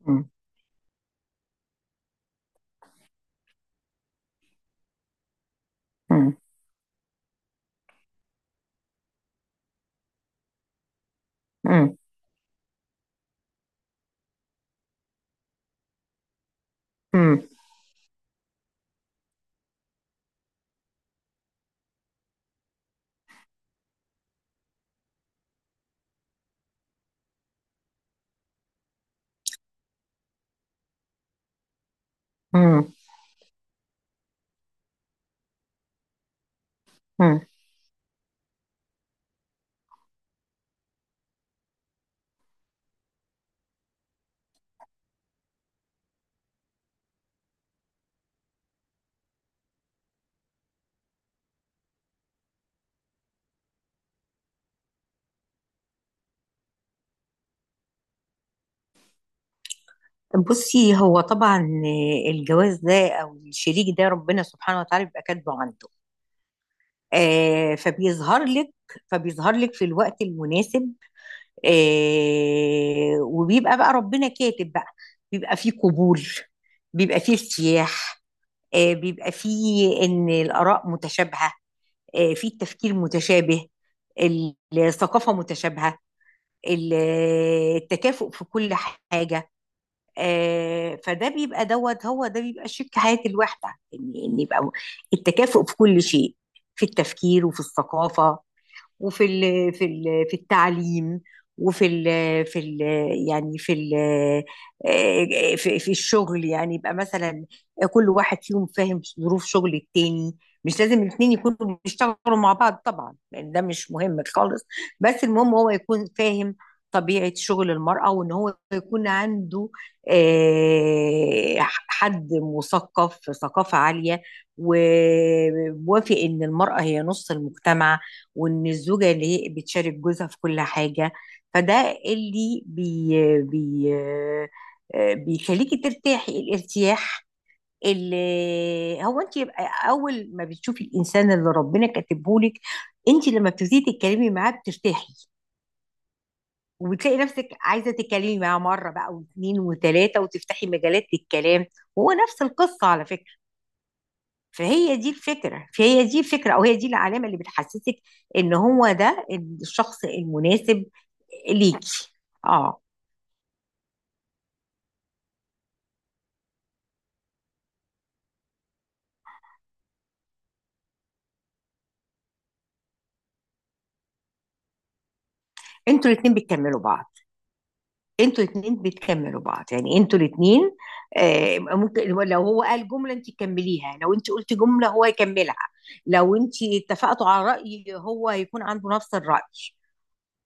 مم. مم. مم. مم. مم. مم. بصي، هو طبعا الجواز ده او الشريك ده، ربنا سبحانه وتعالى بيبقى كاتبه عنده. آه، فبيظهر لك في الوقت المناسب. آه، وبيبقى بقى ربنا كاتب بقى، بيبقى فيه قبول، بيبقى فيه ارتياح. آه، بيبقى فيه ان الاراء متشابهه، آه، فيه التفكير متشابه، الثقافه متشابهه، ال- التكافؤ في كل حاجه. آه، فده بيبقى دوت، هو ده بيبقى شيك حياة الواحدة، ان يبقى التكافؤ في كل شيء، في التفكير وفي الثقافة، وفي ال في ال في التعليم، وفي ال في ال يعني في ال في الشغل، يعني يبقى مثلا كل واحد فيهم فاهم ظروف شغل التاني. مش لازم الاثنين يكونوا بيشتغلوا مع بعض طبعا، لان ده مش مهم خالص. بس المهم هو يكون فاهم طبيعة شغل المرأة، وإن هو يكون عنده آه، حد مثقف ثقافة عالية، وموافق إن المرأة هي نص المجتمع، وان الزوجه اللي هي بتشارك جوزها في كل حاجه. فده اللي بي بي آه، بيخليكي ترتاحي الارتياح، اللي هو انت يبقى اول ما بتشوفي الانسان اللي ربنا كاتبه لك، انت لما بتبتدي تتكلمي معاه بترتاحي، وبتلاقي نفسك عايزه تتكلمي معاه مره بقى، واثنين، وثلاثه، وتفتحي مجالات للكلام. هو نفس القصه على فكره. فهي دي الفكرة، فهي دي الفكرة، أو هي دي العلامة اللي بتحسسك إن هو ده الشخص المناسب ليكي. اه. انتوا الاتنين بتكملوا بعض، انتوا الاتنين بتكملوا بعض، يعني انتوا الاتنين ممكن لو هو قال جملة انت تكمليها، لو انت قلت جملة هو يكملها، لو انت اتفقتوا على رأي هو يكون عنده نفس الرأي.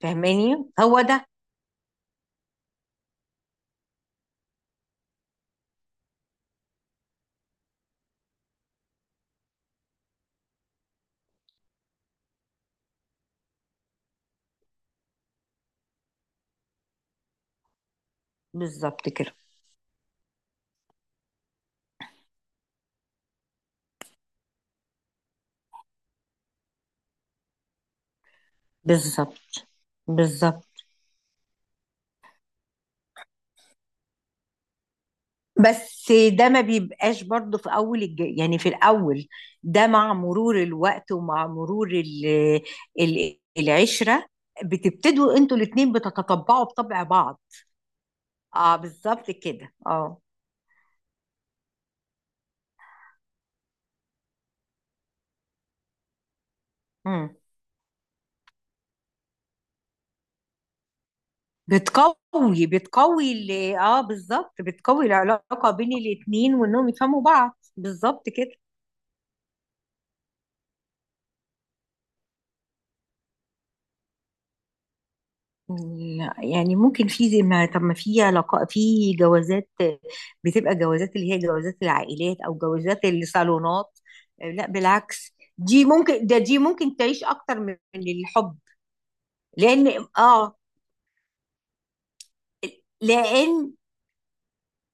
فاهماني، هو ده. بالظبط كده، بالظبط. بالظبط. بس ده ما بيبقاش برضه في اول يعني في الاول، ده مع مرور الوقت ومع مرور العشرة، بتبتدوا انتوا الاتنين بتتطبعوا بطبع بعض. اه، بالظبط كده، اه. مم. اه، بالظبط، بتقوي العلاقة بين الاتنين وانهم يفهموا بعض. بالظبط كده. لا، يعني ممكن في زي ما طب ما في علاقة في جوازات، بتبقى جوازات اللي هي جوازات العائلات او جوازات الصالونات. لا، بالعكس، دي ممكن، ده دي ممكن تعيش اكتر من الحب. لان اه لان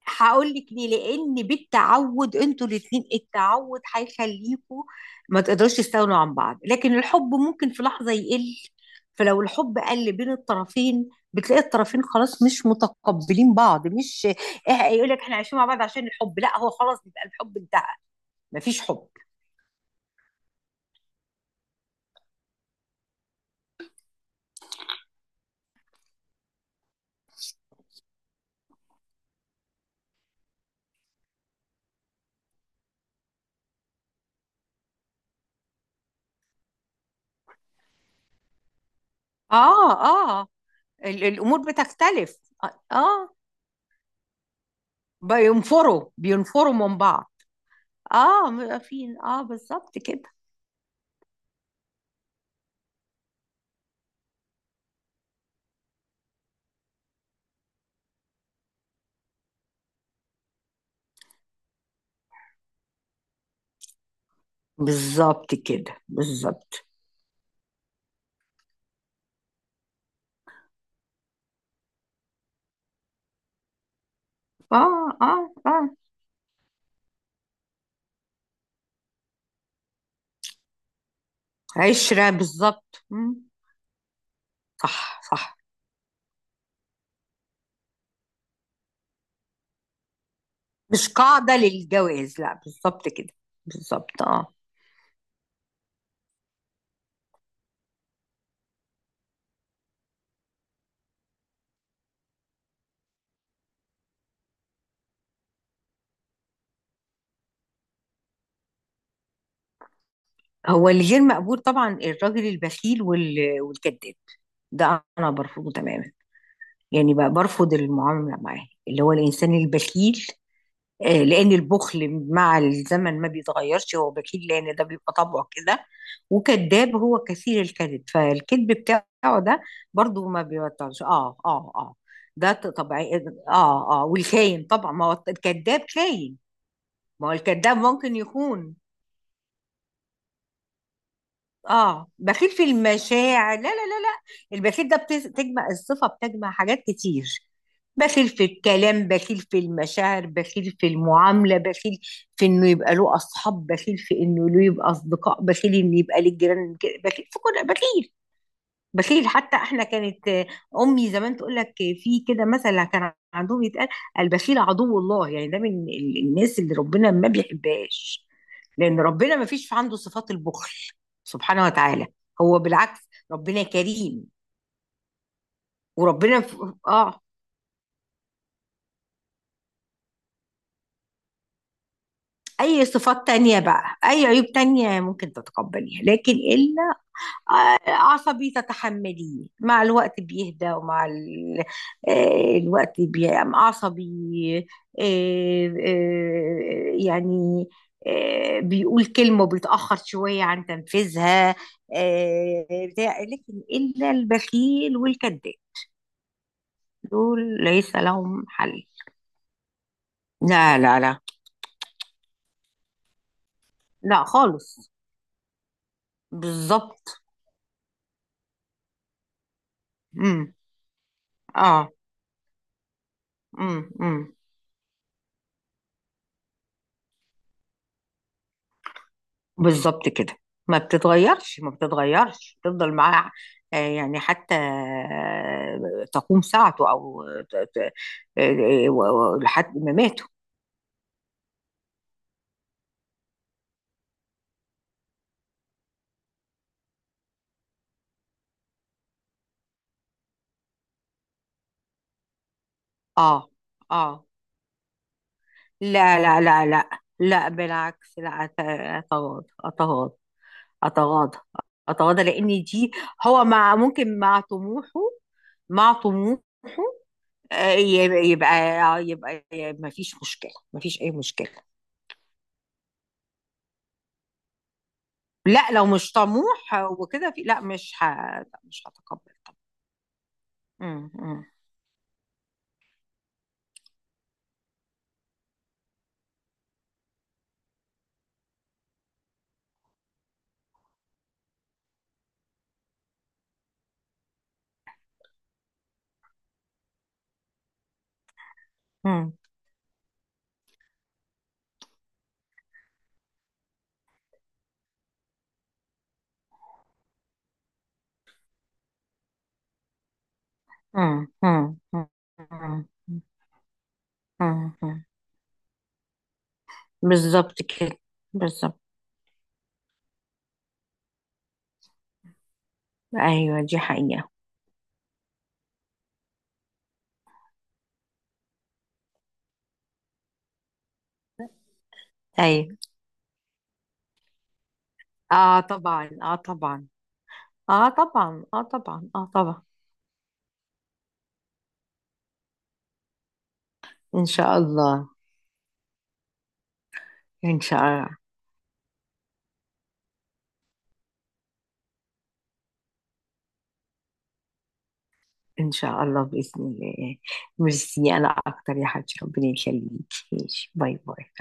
هقول لك ليه. لان بالتعود انتوا الاثنين، التعود هيخليكوا ما تقدروش تستغنوا عن بعض. لكن الحب ممكن في لحظه يقل، فلو الحب قل بين الطرفين بتلاقي الطرفين خلاص مش متقبلين بعض، مش إيه، يقول لك احنا عايشين مع بعض عشان الحب. لا، هو خلاص بيبقى الحب انتهى، مفيش حب. اه، اه، الامور بتختلف. اه، آه. بينفروا، بينفروا من بعض. اه، مبقى فين، اه، بالظبط كده. بالظبط كده، بالظبط، اه، اه، اه. عشرة، بالظبط. مم. صح، صح. مش قاعدة للجواز، لا. بالظبط كده، بالظبط. اه. هو اللي غير مقبول طبعا الراجل البخيل والكذاب، ده انا برفضه تماما. يعني بقى برفض المعاملة معاه، اللي هو الانسان البخيل. آه، لان البخل مع الزمن ما بيتغيرش، هو بخيل لان ده بيبقى طبعه كده. وكذاب، هو كثير الكذب، فالكذب بتاعه ده برضو ما بيبطلش. اه، اه، اه. ده طبيعي. اه، اه. والخاين طبعا، ما هو الكذاب خاين. ما هو الكذاب ممكن يخون. اه، بخيل في المشاعر. لا لا لا لا. البخيل ده بتجمع الصفة، بتجمع حاجات كتير. بخيل في الكلام، بخيل في المشاعر، بخيل في المعاملة، بخيل في انه يبقى له اصحاب، بخيل في انه له يبقى اصدقاء، بخيل انه يبقى للجيران كده، بخيل في كل، بخيل. بخيل حتى. احنا كانت امي زمان تقول لك في كده مثل كان عندهم يتقال: البخيل عدو الله. يعني ده من الناس اللي ربنا ما بيحبهاش، لان ربنا ما فيش في عنده صفات البخل سبحانه وتعالى، هو بالعكس، ربنا كريم. وربنا ف... اه، اي صفات تانية بقى، اي عيوب تانية ممكن تتقبليها، لكن عصبي تتحمليه مع الوقت بيهدى، ومع الوقت بيبقى عصبي، يعني بيقول كلمة وبيتأخر شوية عن تنفيذها، آه، بتاع. لكن إلا البخيل والكذاب، دول ليس لهم حل. لا لا لا لا، خالص. بالظبط. امم. اه. امم. امم. بالظبط كده. ما بتتغيرش، ما بتتغيرش، تفضل معاه. يعني حتى تقوم ساعته او ت- ت- لحد ما ماته. اه، اه. لا لا لا لا لا، بالعكس، لا. اتغاضى، اتغاضى، اتغاضى، اتغاضى، لان دي هو مع طموحه. مع طموحه يبقى، يبقى ما فيش مشكلة، ما فيش اي مشكلة. لا، لو مش طموح وكده، في. لا، مش لا، مش هتقبل طبعا. مم. مم. مم. مم. مم. مم. مم. مم. مم. بالظبط كده، بالظبط. ايوه، دي حقيقة. ايوه. اه، طبعا، اه، طبعا، اه، طبعا، اه، طبعا، اه، طبعا. ان شاء الله. ان شاء الله. ان شاء الله، باذن الله. ميرسي، انا اكتر يا حبيبتي، ربنا يخليكي. ماشي، باي باي.